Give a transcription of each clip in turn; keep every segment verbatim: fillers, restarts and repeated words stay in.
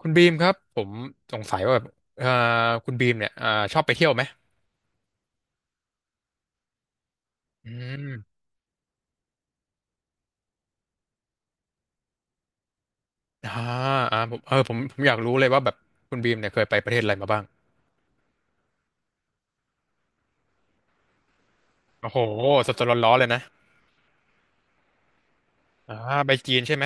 คุณบีมครับผมสงสัยว่าแบบเอ่อคุณบีมเนี่ยอ่าชอบไปเที่ยวไหมอืมอ่าอ่าผมเออผมผมอยากรู้เลยว่าแบบคุณบีมเนี่ยเคยไปประเทศอะไรมาบ้างโอ้โหสดๆร้อนๆเลยนะอ่าไปจีนใช่ไหม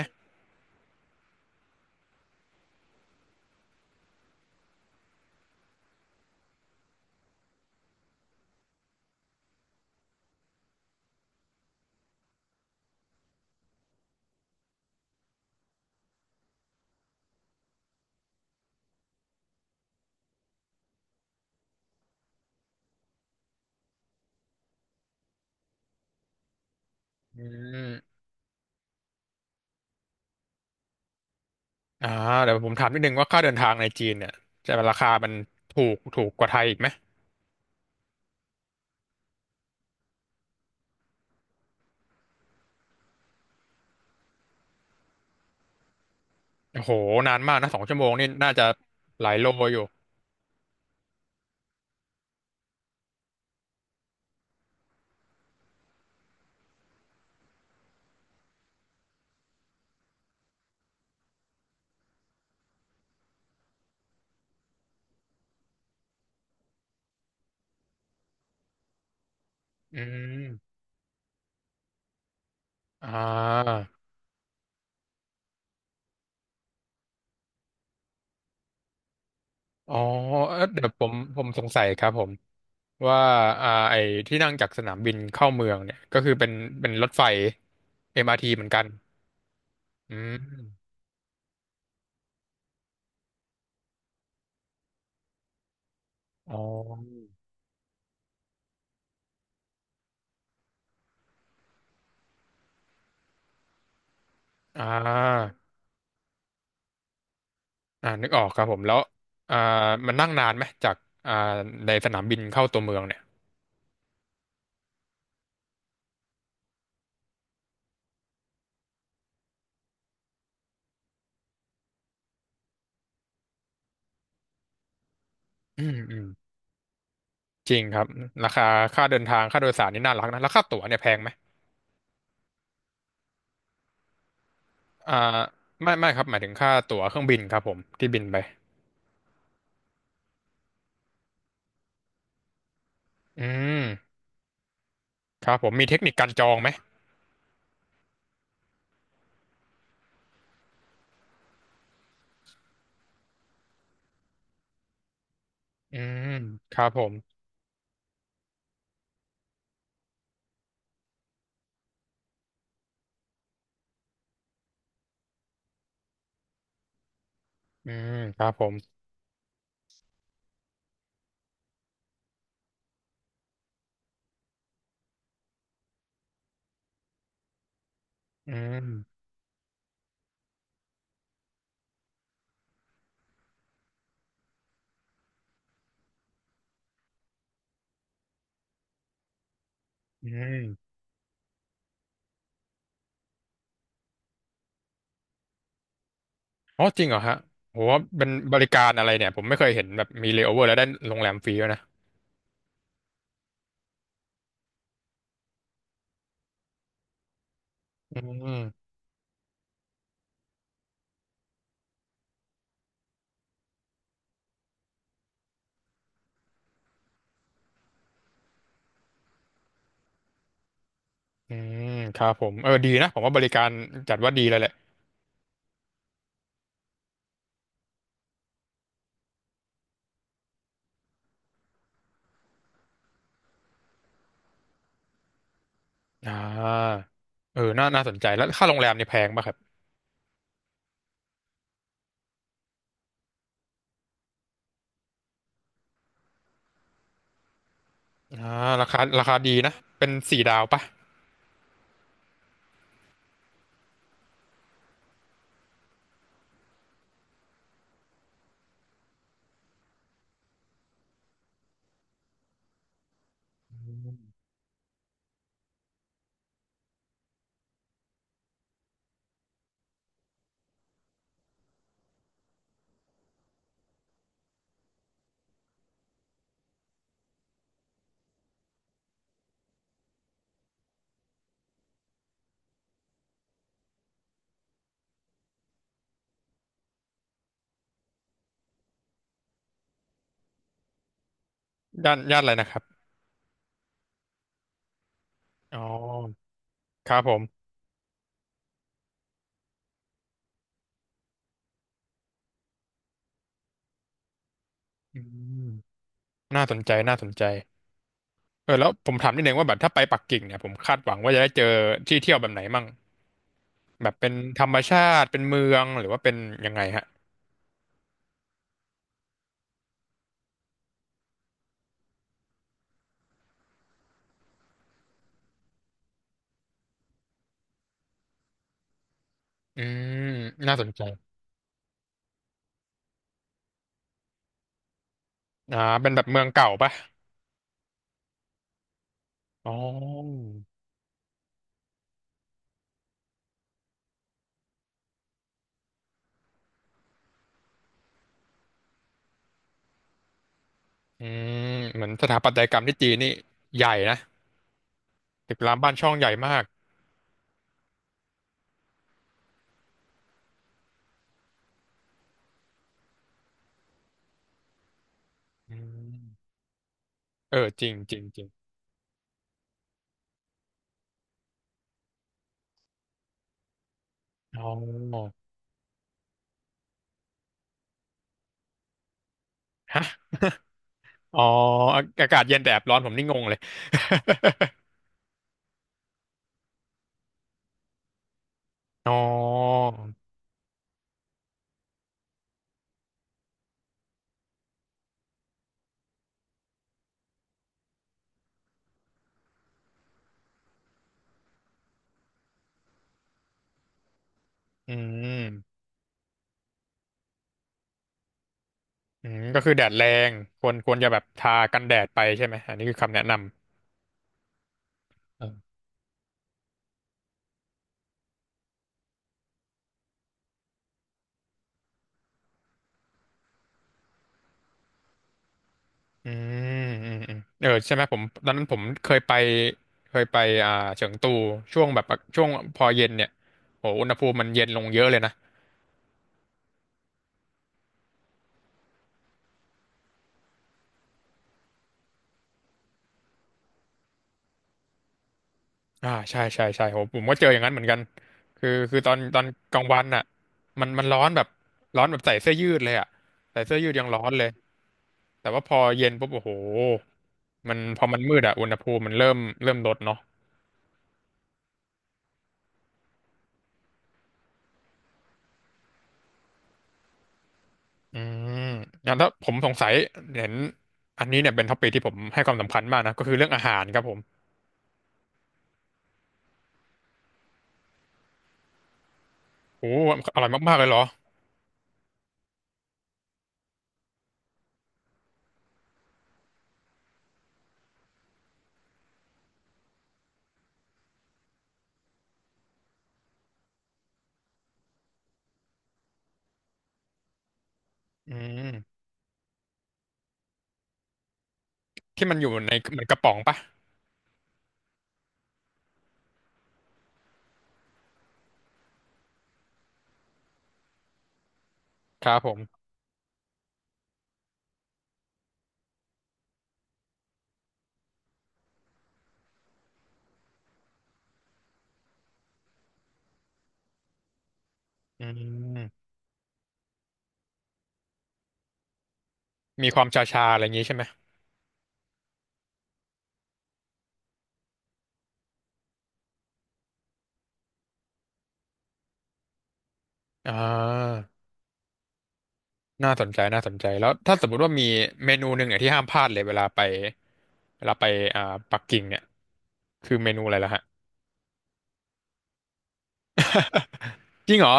อืมอ่าเดี๋ยวผมถามนิดนึงว่าค่าเดินทางในจีนเนี่ยจะราคามันถูกถูกกว่าไทยอีกไหมโอ้โหนานมากนะสองชั่วโมงนี่น่าจะหลายโลอยู่อืมอ่าอ๋อเอ้อเดี๋ยวผมผมสงสัยครับผม ว่าอ่าไอ้ที่นั่งจากสนามบินเข้าเมืองเนี่ยก็คือเป็นเป็นรถไฟ เอ็ม อาร์ ที เหมือนกันอืมอ๋ออ่าอ่านึกออกครับผมแล้วอ่ามันนั่งนานไหมจากอ่าในสนามบินเข้าตัวเมืองเนี่ยอืมอืมจริงครับราคาค่าเดินทางค่าโดยสารนี่น่ารักนะแล้วค่าตั๋วเนี่ยแพงไหมอ่าไม่ไม่ครับหมายถึงค่าตั๋วเครื่องบินครับผมที่บินไปอืมครับผมมีเทคนิคการจองไหมอืมครับผมอืมครับผมอืม อืมอ๋อจริงเหรอฮะโหเป็นบริการอะไรเนี่ยผมไม่เคยเห็นแบบมีเลย์โอเวอร์แล้วได้โรงแรมฟรีด้วยนะอืมอืมครับผมเออดีนะผมว่าบริการจัดว่าดีเลยแหละอ่าเออน่าน่าสนใจแล้วค่าโรงแรมนี่แพงป่ะครับอ่าราคาราคาดีนะเป็นสี่ดาวป่ะย่านย่านอะไรนะครับอ๋อครับผมอืมน่าสนใจน่าสนใจเออแล้วผมถามนิดนึงว่าแบบถ้าไปปักกิ่งเนี่ยผมคาดหวังว่าจะได้เจอที่เที่ยวแบบไหนมั่ง แบบเป็นธรรมชาติเป็นเมืองหรือว่าเป็นยังไงฮะอืมน่าสนใจอ่าเป็นแบบเมืองเก่าปะอ๋ออืมเหมือนสถาปัตยกรรมที่จีนนี่ใหญ่นะตึกรามบ้านช่องใหญ่มากอืมเออจริงจริงจริงอ๋อฮะอ๋ออาอากาศเย็นแต่แอบร้อนผมนี่งงเลย อ๋ออืมอืมก็คือแดดแรงควรควรจะแบบทากันแดดไปใช่ไหมอันนี้คือคำแนะนำ อืมอืมอืมเออใช่ไหมผมตอนนั้นผมเคยไปเคยไปอ่าเฉิงตูช่วงแบบช่วงพอเย็นเนี่ยโหอุณหภูมิมันเย็นลงเยอะเลยนะอ่าใช่ใช่ใช่โหผมก็เจออย่างนั้นเหมือนกันคือคือตอนตอนกลางวันน่ะมันมันร้อนแบบร้อนแบบใส่เสื้อยืดเลยอ่ะใส่เสื้อยืดยังร้อนเลยแต่ว่าพอเย็นปุ๊บโอ้โหมันพอมันมืดอ่ะอุณหภูมิมันเริ่มเริ่มลดเนาะอืมงั้นถ้าผมสงสัยเห็นอันนี้เนี่ยเป็นท็อปิกที่ผมให้ความสำคัญมากนะก็คือเรื่องอาหารครับผม โอ้อร่อยมากๆเลยเหรออืมที่มันอยู่ในเหมือนกระป๋องปะครับผมอืมมีความชาๆอะไรอย่างงี้ใช่ไหมอ่าน่าสนใจน่าสนใจแล้วถ้าสมมุติว่ามีเมนูหนึ่งเนี่ยที่ห้ามพลาดเลยเวลาไปเวลาไปอ่าปักกิ่งเนี่ยคือเมนูอะไรล่ะฮะ จริงเหรอ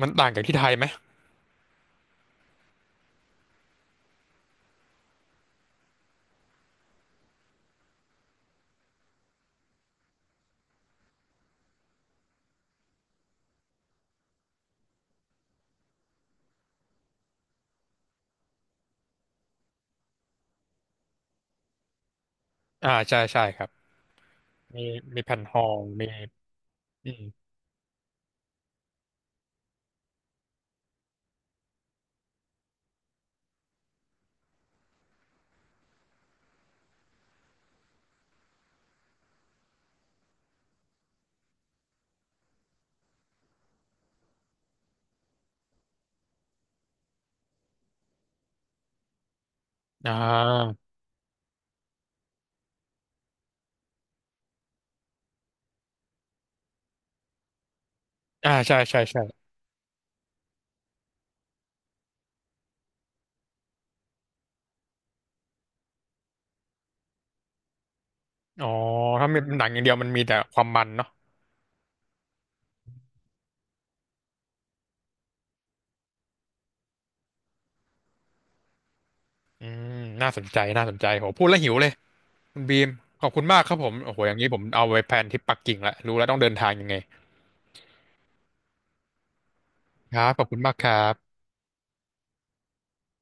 มันต่างจากที่ไทยไหมอ่าใช่ใช่ครับมีมีแผ่นทองมีอืมอ่าอ่าใช่ใช่ใช่อ๋อถ้ามีหนังอย่างเดียวมันมีแต่ความมันเนาะ อืมน่าสนใจ น่าสนใจโหพูดแล้วหิวเลยคุณบีมขอบคุณมากครับผม โอ้โหอย่างนี้ผมเอาไว้แพลนทริปปักกิ่งละรู้แล้วต้องเดินทางยังไง ครับ ขอบคุณมากครับ